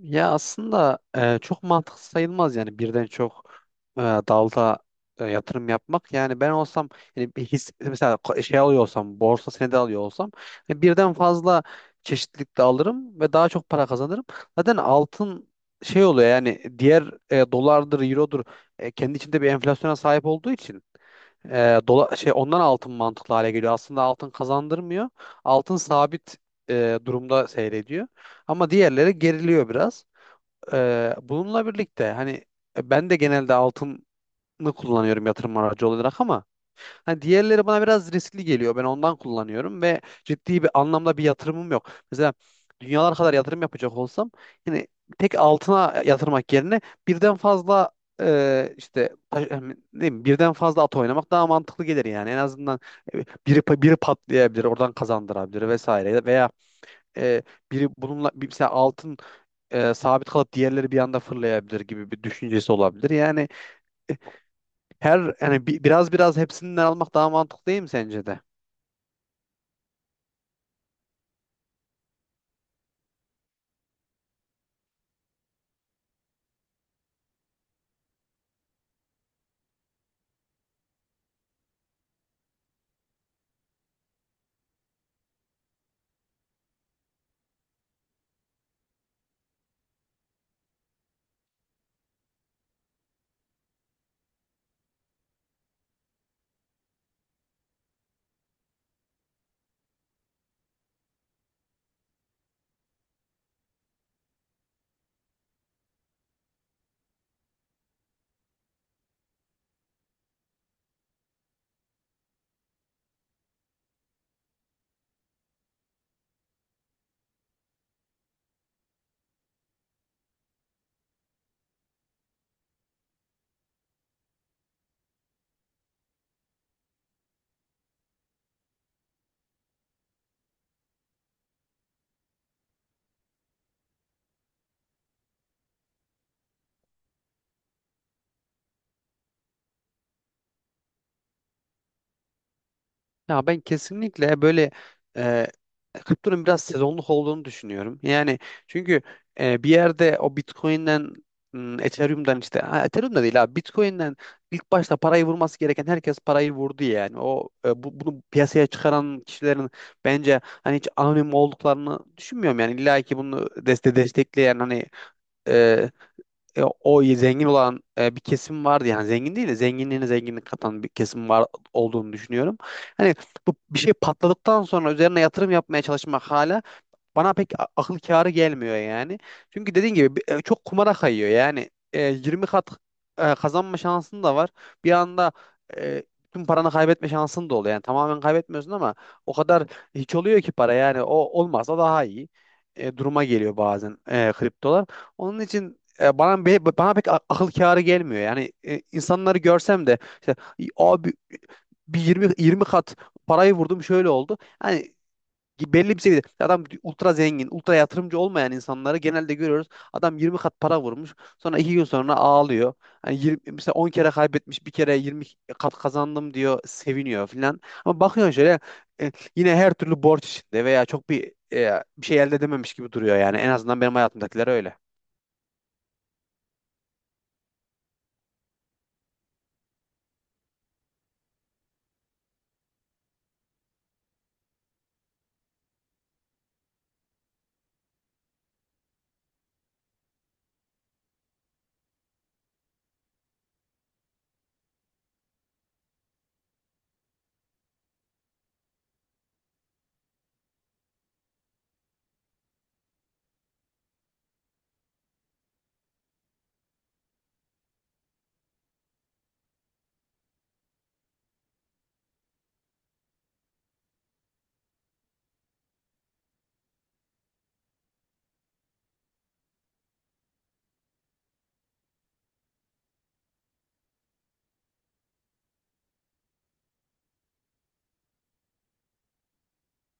Ya aslında çok mantıklı sayılmaz yani birden çok dalda yatırım yapmak. Yani ben olsam yani bir his, mesela şey alıyor olsam borsa senedi alıyor olsam birden fazla çeşitlilikte alırım ve daha çok para kazanırım. Zaten altın şey oluyor yani diğer dolardır, eurodur kendi içinde bir enflasyona sahip olduğu için şey ondan altın mantıklı hale geliyor. Aslında altın kazandırmıyor. Altın sabit durumda seyrediyor. Ama diğerleri geriliyor biraz. Bununla birlikte hani ben de genelde altını kullanıyorum yatırım aracı olarak ama hani diğerleri bana biraz riskli geliyor. Ben ondan kullanıyorum ve ciddi bir anlamda bir yatırımım yok. Mesela dünyalar kadar yatırım yapacak olsam yani tek altına yatırmak yerine birden fazla ne bileyim, birden fazla at oynamak daha mantıklı gelir yani. En azından biri patlayabilir, oradan kazandırabilir vesaire veya e, biri bununla bir mesela altın sabit kalıp diğerleri bir anda fırlayabilir gibi bir düşüncesi olabilir. Yani her yani biraz hepsinden almak daha mantıklı değil mi sence de? Ya ben kesinlikle böyle e, kriptonun biraz sezonluk olduğunu düşünüyorum. Yani çünkü bir yerde o Bitcoin'den Ethereum'dan işte Ethereum'da değil abi Bitcoin'den ilk başta parayı vurması gereken herkes parayı vurdu yani. Bunu piyasaya çıkaran kişilerin bence hani hiç anonim olduklarını düşünmüyorum yani illa ki bunu destekleyen hani e, o zengin olan bir kesim vardı yani zengin değil de zenginliğine zenginlik katan bir kesim var olduğunu düşünüyorum. Hani bu bir şey patladıktan sonra üzerine yatırım yapmaya çalışmak hala bana pek akıl kârı gelmiyor yani. Çünkü dediğin gibi çok kumara kayıyor. Yani 20 kat kazanma şansın da var. Bir anda e, tüm paranı kaybetme şansın da oluyor. Yani tamamen kaybetmiyorsun ama o kadar hiç oluyor ki para. Yani o olmazsa daha iyi duruma geliyor bazen kriptolar. Onun için bana pek akıl kârı gelmiyor. Yani insanları görsem de işte abi bir 20 kat parayı vurdum şöyle oldu. Yani belli bir seviyede adam ultra zengin, ultra yatırımcı olmayan insanları genelde görüyoruz. Adam 20 kat para vurmuş. Sonra iki gün sonra ağlıyor. Hani 20, mesela 10 kere kaybetmiş, bir kere 20 kat kazandım diyor, seviniyor filan. Ama bakıyorsun şöyle yine her türlü borç içinde veya çok bir şey elde edememiş gibi duruyor yani. En azından benim hayatımdakiler öyle.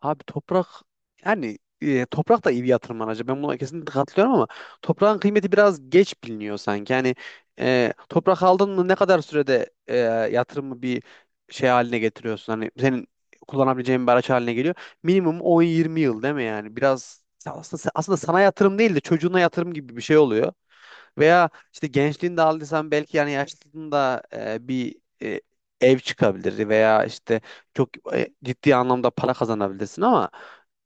Abi yani toprak da iyi bir yatırım aracı. Ben buna kesinlikle katılıyorum ama toprağın kıymeti biraz geç biliniyor sanki. Yani toprak aldın mı ne kadar sürede yatırımı bir şey haline getiriyorsun? Hani senin kullanabileceğin bir araç haline geliyor. Minimum 10-20 yıl değil mi yani? Biraz aslında sana yatırım değil de çocuğuna yatırım gibi bir şey oluyor. Veya işte gençliğinde aldıysan belki yani yaşlılığında bir e, ev çıkabilir veya işte çok ciddi anlamda para kazanabilirsin ama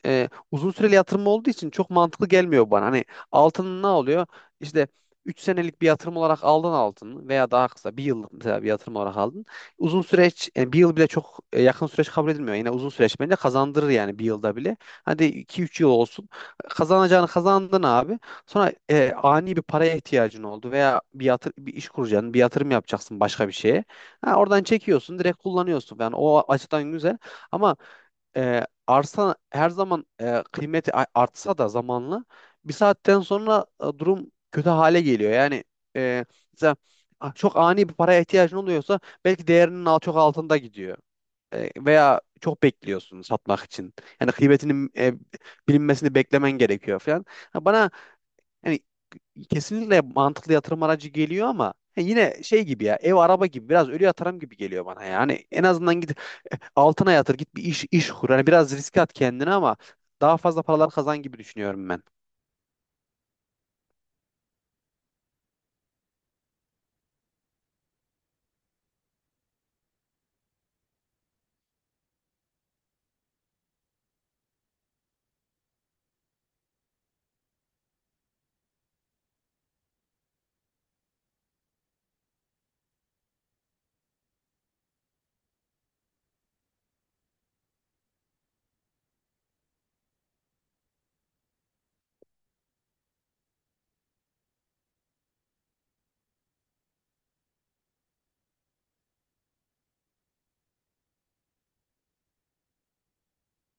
uzun süreli yatırım olduğu için çok mantıklı gelmiyor bana. Hani altın ne oluyor? İşte 3 senelik bir yatırım olarak aldın altını veya daha kısa bir yıllık mesela bir yatırım olarak aldın. Uzun süreç yani bir yıl bile çok yakın süreç kabul edilmiyor. Yine uzun süreç bence kazandırır yani bir yılda bile. Hadi iki üç yıl olsun. Kazanacağını kazandın abi. Sonra ani bir paraya ihtiyacın oldu veya bir iş kuracaksın, bir yatırım yapacaksın başka bir şeye. Ha, Oradan çekiyorsun, direkt kullanıyorsun falan. O açıdan güzel ama arsa her zaman kıymeti artsa da zamanla bir saatten sonra durum kötü hale geliyor. Yani e, mesela çok ani bir paraya ihtiyacın oluyorsa belki değerinin çok altında gidiyor. Veya çok bekliyorsun satmak için. Yani kıymetinin bilinmesini beklemen gerekiyor falan. Ha, Bana yani kesinlikle mantıklı yatırım aracı geliyor ama yine şey gibi ya ev araba gibi biraz ölü yatırım gibi geliyor bana yani en azından git altına yatır git bir iş kur hani biraz riske at kendini ama daha fazla paralar kazan gibi düşünüyorum ben.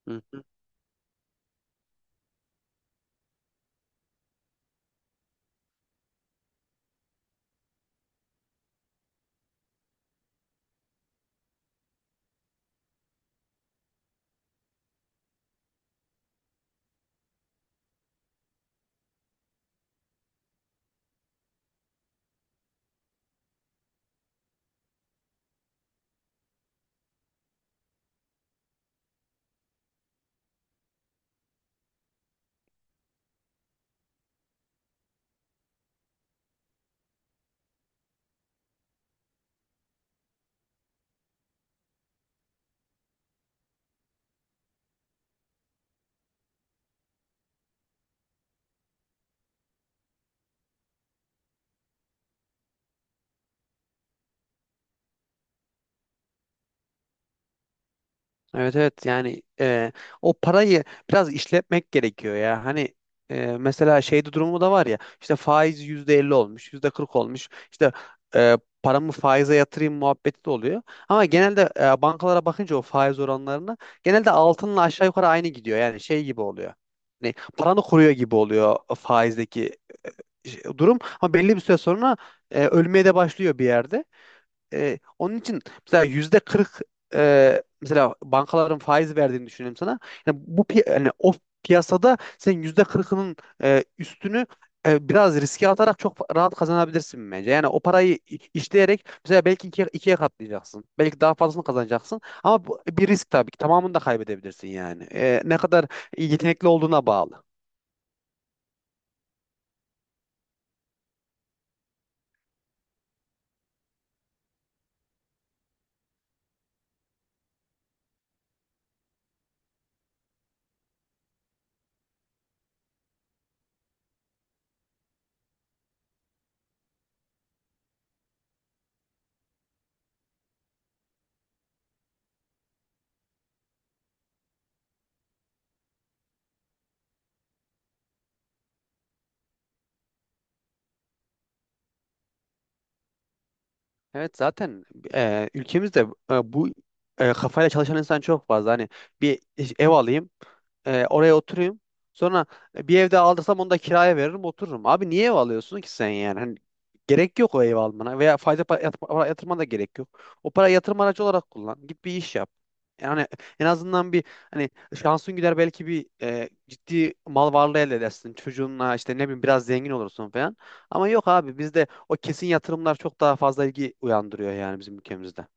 Hı. Evet, evet, yani o parayı biraz işletmek gerekiyor ya. Hani mesela şeyde durumu da var ya işte faiz %50 olmuş %40 olmuş işte e, paramı faize yatırayım muhabbeti de oluyor. Ama genelde bankalara bakınca o faiz oranlarına genelde altınla aşağı yukarı aynı gidiyor yani şey gibi oluyor. Hani paranı koruyor gibi oluyor faizdeki durum ama belli bir süre sonra ölmeye de başlıyor bir yerde. Onun için mesela %40 mesela bankaların faiz verdiğini düşünelim sana. Yani yani o piyasada sen %40'ının üstünü biraz riske atarak çok rahat kazanabilirsin bence. Yani o parayı işleyerek mesela belki ikiye katlayacaksın. Belki daha fazlasını kazanacaksın. Ama bu bir risk tabii ki. Tamamını da kaybedebilirsin yani. Ne kadar yetenekli olduğuna bağlı. Evet, zaten ülkemizde bu kafayla çalışan insan çok fazla. Hani bir ev alayım, oraya oturayım. Sonra bir evde aldırsam onu da kiraya veririm, otururum. Abi niye ev alıyorsun ki sen yani? Hani gerek yok o ev almana veya faize para yatırmana da gerek yok. O para yatırım aracı olarak kullan. Git bir iş yap. Yani en azından bir hani şansın gider belki bir ciddi mal varlığı elde edersin. Çocuğunla işte ne bileyim biraz zengin olursun falan. Ama yok abi bizde o kesin yatırımlar çok daha fazla ilgi uyandırıyor yani bizim ülkemizde.